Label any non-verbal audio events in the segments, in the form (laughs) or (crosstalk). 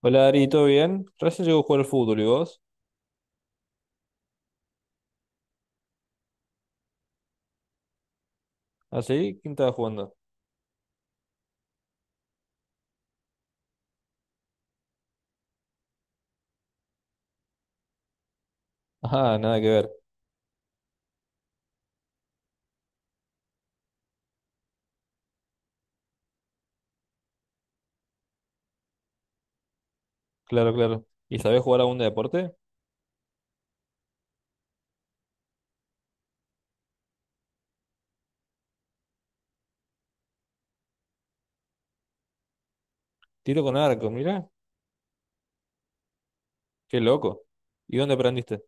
Hola Ari, ¿todo bien? Recién llegó a jugar al fútbol, ¿y vos? ¿Ah, sí? ¿Quién estaba jugando? Ajá, nada que ver. Claro, claro. ¿Y sabés jugar algún deporte? Tiro con arco, mira. Qué loco. ¿Y dónde aprendiste?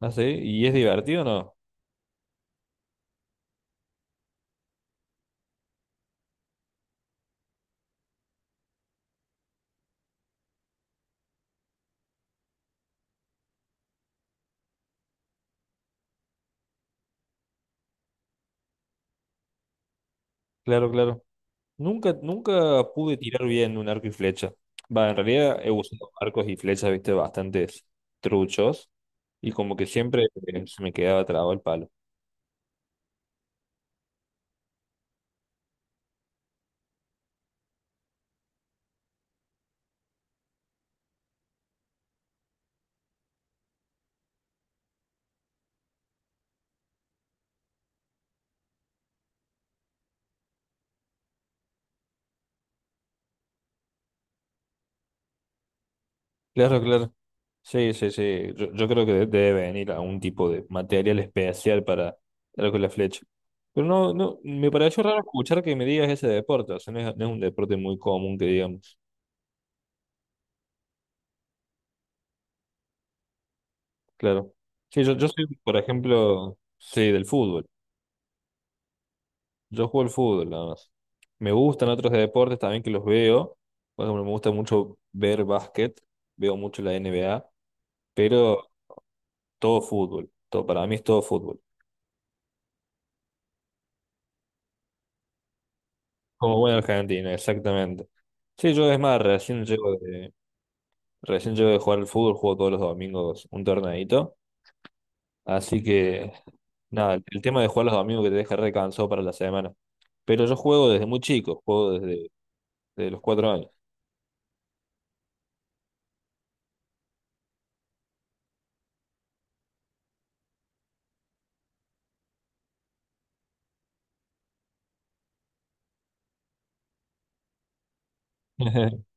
Ah, sí. ¿Y es divertido o no? Claro, claro. Nunca, nunca pude tirar bien un arco y flecha. Va, en realidad he usado arcos y flechas, viste, bastantes truchos. Y como que siempre se me quedaba trabado el palo. Claro, claro. Sí, sí, sí. Yo creo que debe venir algún tipo de material especial para algo con la flecha. Pero no, no, me pareció raro escuchar que me digas ese deporte. O sea, no es, no es un deporte muy común que digamos. Claro. Sí, yo soy, por ejemplo, sí, del fútbol. Yo juego al fútbol nada más. Me gustan otros deportes también que los veo. Por ejemplo, me gusta mucho ver básquet. Veo mucho la NBA. Pero todo fútbol. Todo, para mí es todo fútbol. Como buen argentino exactamente. Sí, yo es más, recién llego de jugar al fútbol, juego todos los domingos un torneito. Así que, nada, el tema de jugar los domingos que te deja recansado para la semana. Pero yo juego desde muy chico, juego desde, desde los 4 años. (laughs)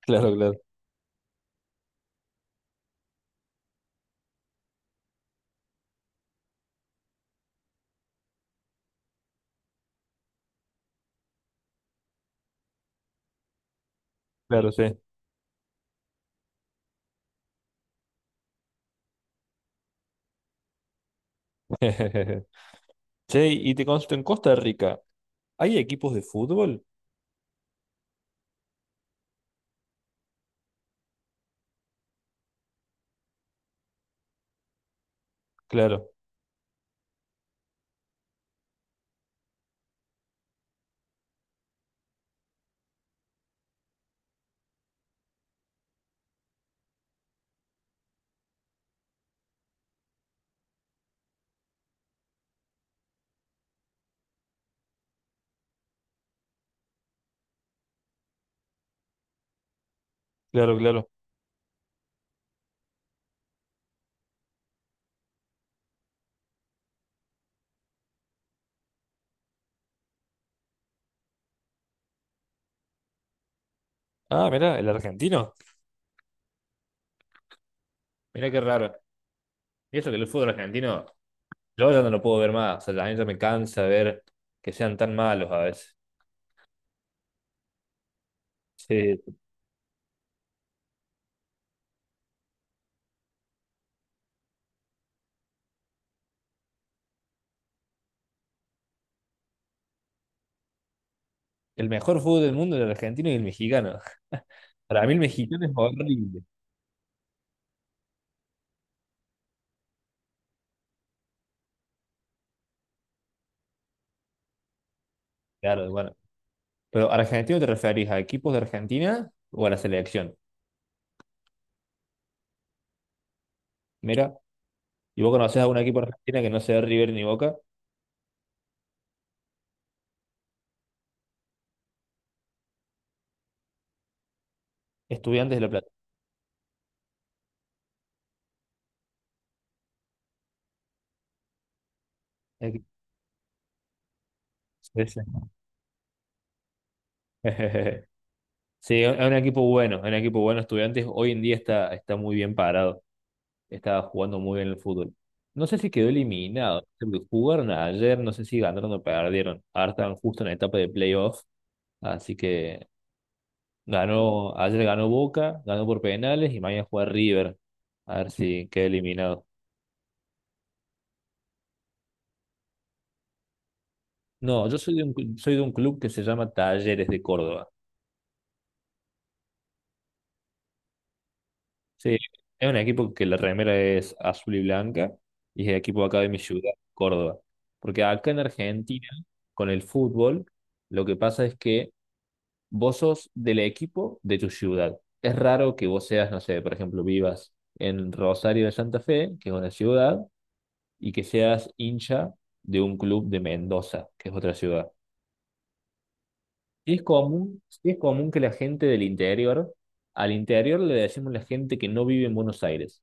Claro, claro, claro, sí. (laughs) Che, y te consulto, en Costa Rica, ¿hay equipos de fútbol? Claro, claro, claro. Ah, mirá, el argentino. Mirá qué raro. Y eso que el fútbol argentino, yo ya no lo puedo ver más. O sea, la neta me cansa ver que sean tan malos a veces. Sí, el mejor fútbol del mundo era el argentino y el mexicano. (laughs) Para mí el mexicano es horrible. Claro, bueno. Pero argentino te referís a equipos de Argentina o a la selección. Mira, y vos conocés a un equipo de Argentina que no sea River ni Boca. Estudiantes de La Plata. Equi- Sí, sí. (laughs) Sí, es un equipo bueno, es un equipo bueno, Estudiantes hoy en día está, está muy bien parado. Estaba jugando muy bien el fútbol. No sé si quedó eliminado, porque jugaron ayer, no sé si ganaron o perdieron. Ahora están justo en la etapa de playoff, así que ganó, ayer ganó Boca, ganó por penales y mañana juega River, a ver si (laughs) queda eliminado. No, yo soy de un, soy de un club que se llama Talleres de Córdoba. Sí, es un equipo que la remera es azul y blanca y es el equipo acá de mi ciudad, Córdoba. Porque acá en Argentina, con el fútbol, lo que pasa es que vos sos del equipo de tu ciudad. Es raro que vos seas, no sé, por ejemplo, vivas en Rosario de Santa Fe, que es una ciudad, y que seas hincha de un club de Mendoza, que es otra ciudad. Sí es común que la gente del interior, al interior le decimos la gente que no vive en Buenos Aires.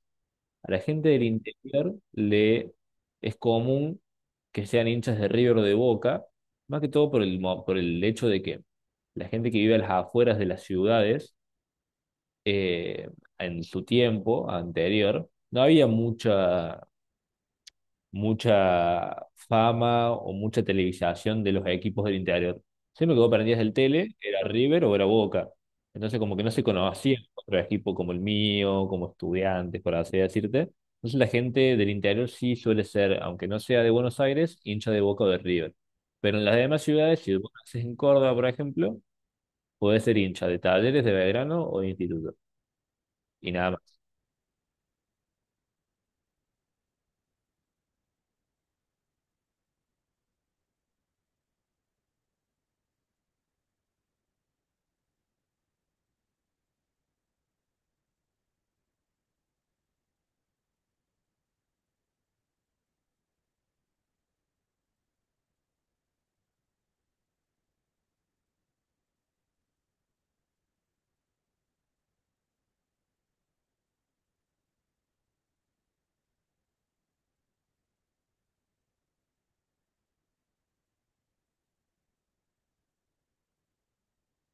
A la gente del interior le es común que sean hinchas de River o de Boca, más que todo por el, por el hecho de que la gente que vive a las afueras de las ciudades eh, en su tiempo anterior, no había mucha, mucha fama o mucha televisación de los equipos del interior. Siempre que vos prendías el tele, era River o era Boca. Entonces como que no se conocía otro equipo como el mío, como estudiantes, por así decirte. Entonces la gente del interior sí suele ser, aunque no sea de Buenos Aires, hincha de Boca o de River. Pero en las demás ciudades, si vos naces en Córdoba, por ejemplo, podés ser hincha de Talleres, de Belgrano o de Instituto. Y nada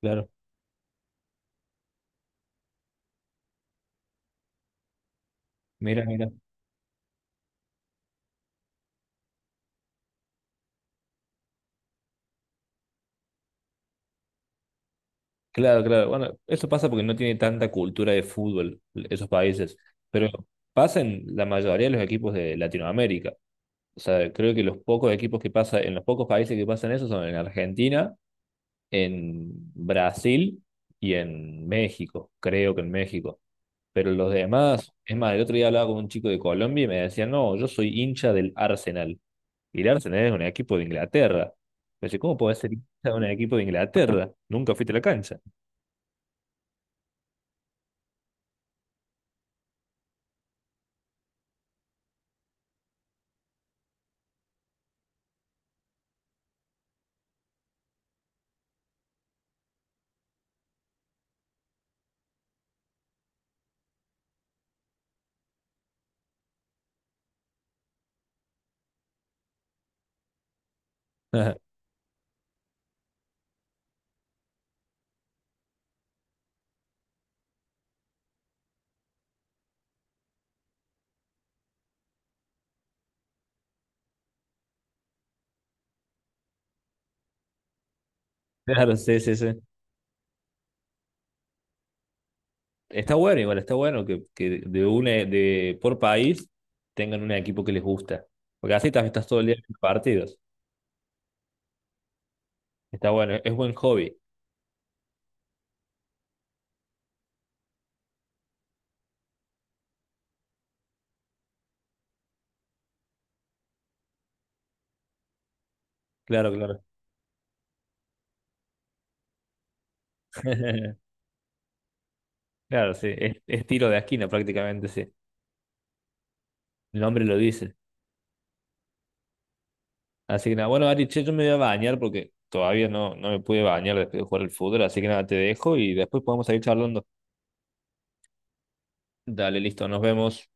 más. Mira, mira. Claro, claro. Bueno, eso pasa porque no tiene tanta cultura de fútbol esos países, pero pasa en la mayoría de los equipos de Latinoamérica. O sea, creo que los pocos equipos que pasa, en los pocos países que pasan eso son en Argentina, en Brasil y en México, creo que en México. Pero los demás, es más, el otro día hablaba con un chico de Colombia y me decía, no, yo soy hincha del Arsenal. Y el Arsenal es un equipo de Inglaterra. Me dice, ¿cómo podés ser hincha de un equipo de Inglaterra? Nunca fuiste a la cancha. (laughs) Claro, sí, sí, sí. Está bueno, igual, está bueno que de una, de por país tengan un equipo que les gusta. Porque así también estás todo el día en partidos. Está bueno, es buen hobby. Claro, claro. (laughs) Claro, sí. Es tiro de esquina prácticamente, sí. El nombre lo dice. Así que nada, bueno, Ari, che, yo me voy a bañar porque todavía no, no me pude bañar después de jugar el fútbol. Así que nada, te dejo y después podemos seguir charlando. Dale, listo, nos vemos.